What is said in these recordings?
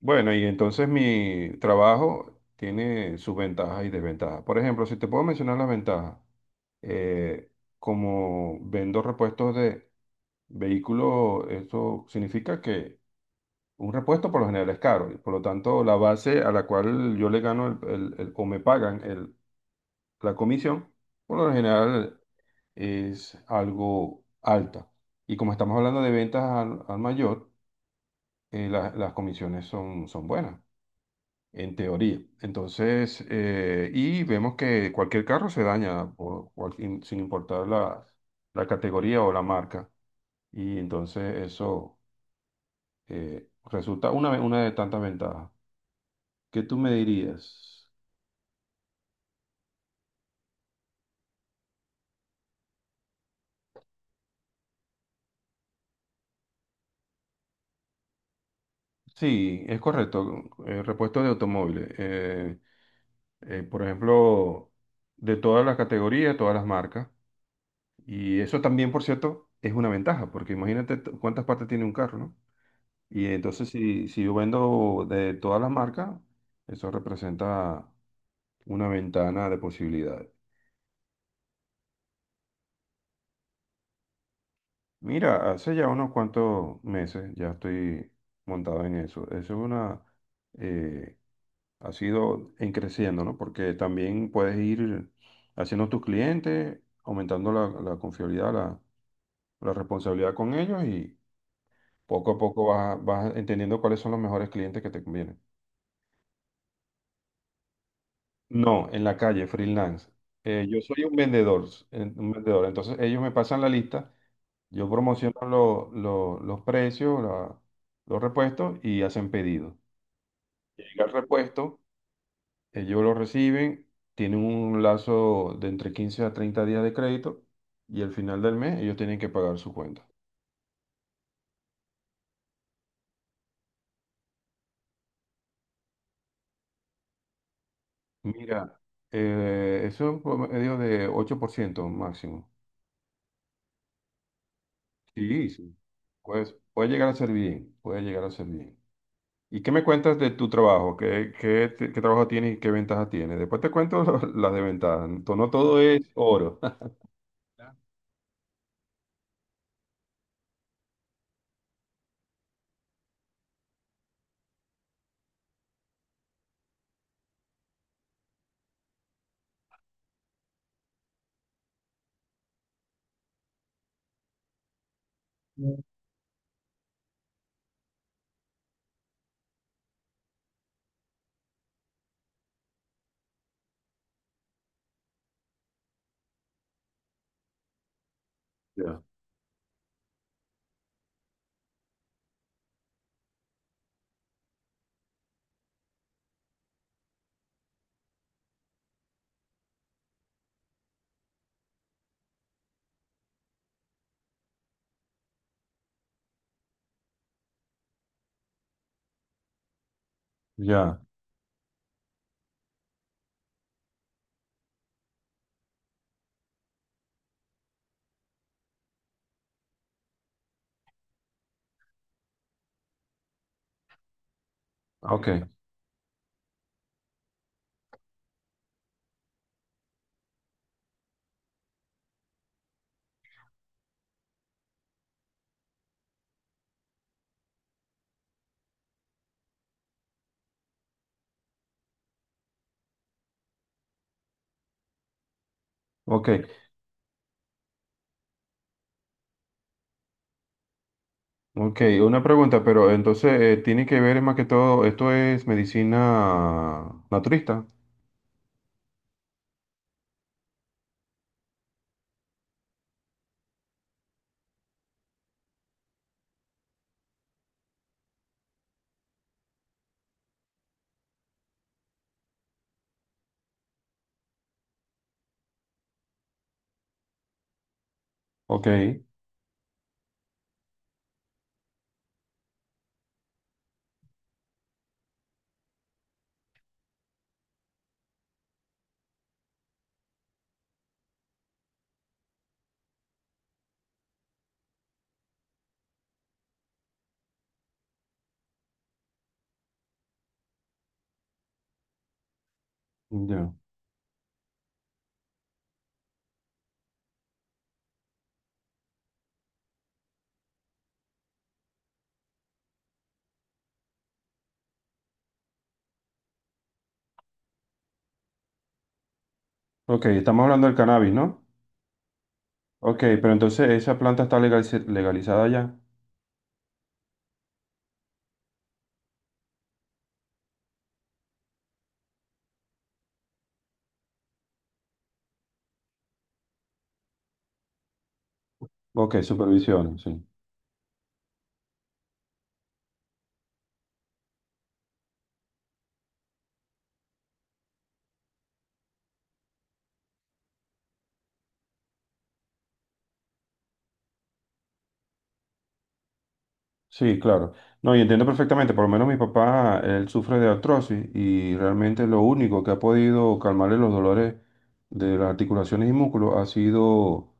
Bueno, y entonces mi trabajo tiene sus ventajas y desventajas. Por ejemplo, si te puedo mencionar las ventajas, eh, como vendo repuestos de vehículos, eso significa que un repuesto por lo general es caro y por lo tanto la base a la cual yo le gano o me pagan la comisión, por lo general es algo alta. Y como estamos hablando de ventas al mayor, las comisiones son buenas en teoría. Entonces, y vemos que cualquier carro se daña sin importar la, la categoría o la marca. Y entonces eso resulta una, una de tantas ventajas. ¿Qué tú me dirías? Sí, es correcto. Repuesto de automóviles. Por ejemplo, de todas las categorías, todas las marcas. Y eso también, por cierto, es una ventaja, porque imagínate cuántas partes tiene un carro, ¿no? Y entonces si yo vendo de todas las marcas, eso representa una ventana de posibilidades. Mira, hace ya unos cuantos meses ya estoy montado en eso. Eso es una, eh, ha sido en creciendo, ¿no? Porque también puedes ir haciendo tus clientes, aumentando la, la confiabilidad, la responsabilidad con ellos y poco a poco vas entendiendo cuáles son los mejores clientes que te convienen. No, en la calle, freelance. Yo soy un vendedor, un vendedor. Entonces ellos me pasan la lista, yo promociono los precios, los repuestos y hacen pedido. Llega el repuesto, ellos lo reciben, tienen un lazo de entre 15 a 30 días de crédito y al final del mes ellos tienen que pagar su cuenta. Mira, eso es un promedio de 8% máximo. Sí, sí. Pues puede llegar a ser bien, puede llegar a ser bien. ¿Y qué me cuentas de tu trabajo? ¿Qué, qué, qué trabajo tienes y qué ventajas tienes? Después te cuento las desventajas. No todo es oro. Ya, ya, ok, ok, ok. Una pregunta, pero entonces tiene que ver más que todo, esto es medicina naturista. Ok, ya. Ok, estamos hablando del cannabis, ¿no? Ok, pero entonces esa planta está legalizada ya. Ok, supervisión, sí. Sí, claro. No, y entiendo perfectamente, por lo menos mi papá, él sufre de artrosis y realmente lo único que ha podido calmarle los dolores de las articulaciones y músculos ha sido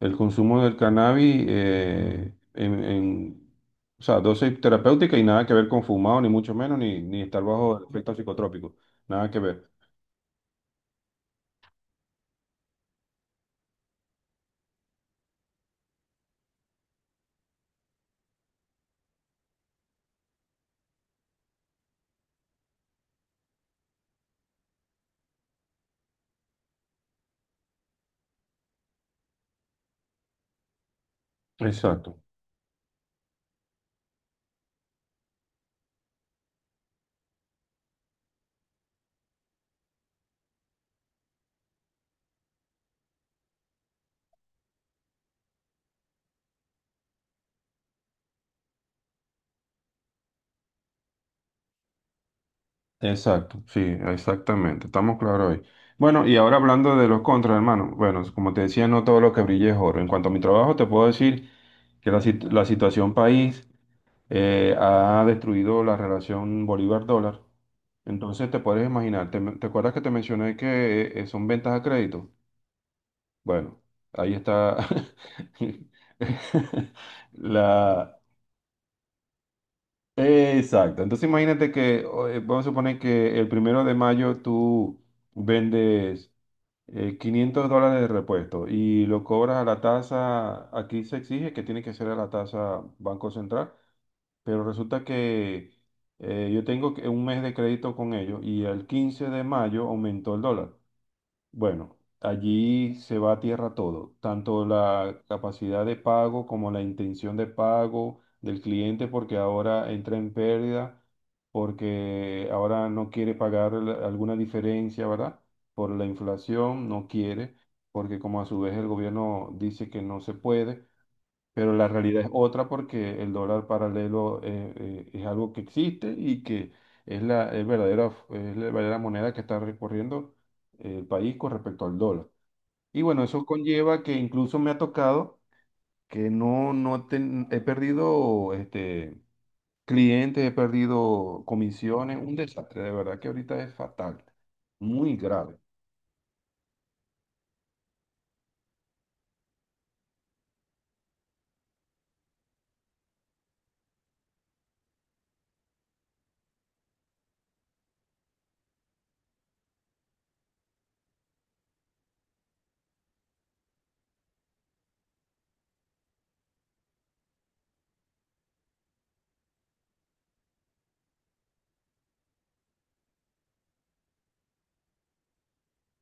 el consumo del cannabis o sea, dosis terapéutica y nada que ver con fumado, ni mucho menos, ni, ni estar bajo el efecto psicotrópico, nada que ver. Exacto. Exacto, sí, exactamente, estamos claros hoy. Bueno, y ahora hablando de los contras, hermano, bueno, como te decía, no todo lo que brilla es oro. En cuanto a mi trabajo, te puedo decir que la, la situación país ha destruido la relación Bolívar-dólar. Entonces te puedes imaginar, ¿te, te acuerdas que te mencioné que son ventas a crédito? Bueno, ahí está la. Exacto. Entonces imagínate que, o, vamos a suponer que el 1 de mayo tú vendes $500 de repuesto y lo cobras a la tasa, aquí se exige que tiene que ser a la tasa Banco Central, pero resulta que yo tengo un mes de crédito con ellos y el 15 de mayo aumentó el dólar. Bueno, allí se va a tierra todo, tanto la capacidad de pago como la intención de pago del cliente, porque ahora entra en pérdida, porque ahora no quiere pagar alguna diferencia, ¿verdad? Por la inflación, no quiere, porque como a su vez el gobierno dice que no se puede. Pero la realidad es otra porque el dólar paralelo es algo que existe y que es la, el verdadero, es la verdadera moneda que está recorriendo el país con respecto al dólar. Y bueno, eso conlleva que incluso me ha tocado que no, no he perdido este, clientes, he perdido comisiones, un desastre, de verdad que ahorita es fatal, muy grave.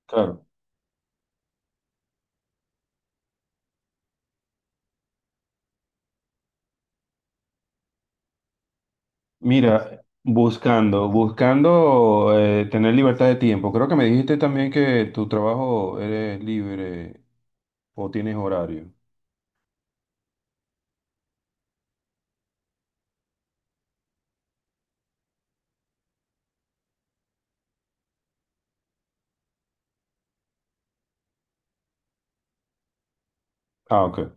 Claro. Mira, buscando, buscando tener libertad de tiempo. Creo que me dijiste también que tu trabajo eres libre o tienes horario. Ah, ok,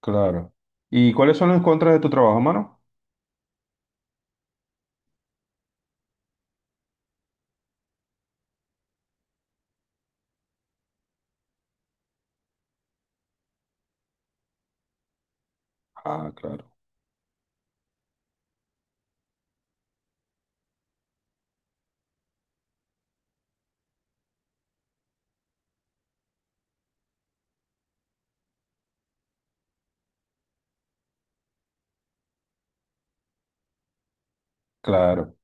claro. ¿Y cuáles son los contras de tu trabajo, mano? Ah, claro, claro.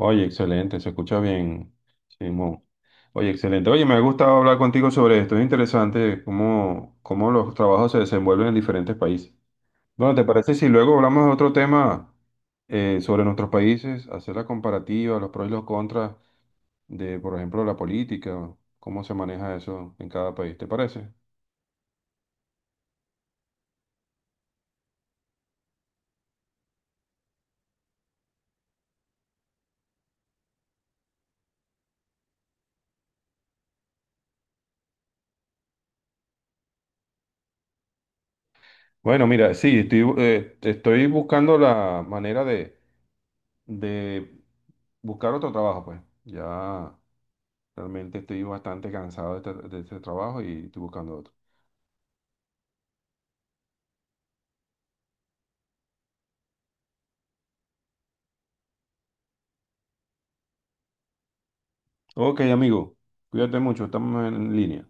Oye, excelente, se escucha bien, Simón. Oye, excelente. Oye, me ha gustado hablar contigo sobre esto. Es interesante cómo, cómo los trabajos se desenvuelven en diferentes países. Bueno, ¿te parece si luego hablamos de otro tema sobre nuestros países, hacer la comparativa, los pros y los contras de, por ejemplo, la política, cómo se maneja eso en cada país? ¿Te parece? Bueno, mira, sí, estoy, estoy buscando la manera de buscar otro trabajo, pues. Ya realmente estoy bastante cansado de este trabajo y estoy buscando otro. Ok, amigo, cuídate mucho, estamos en línea.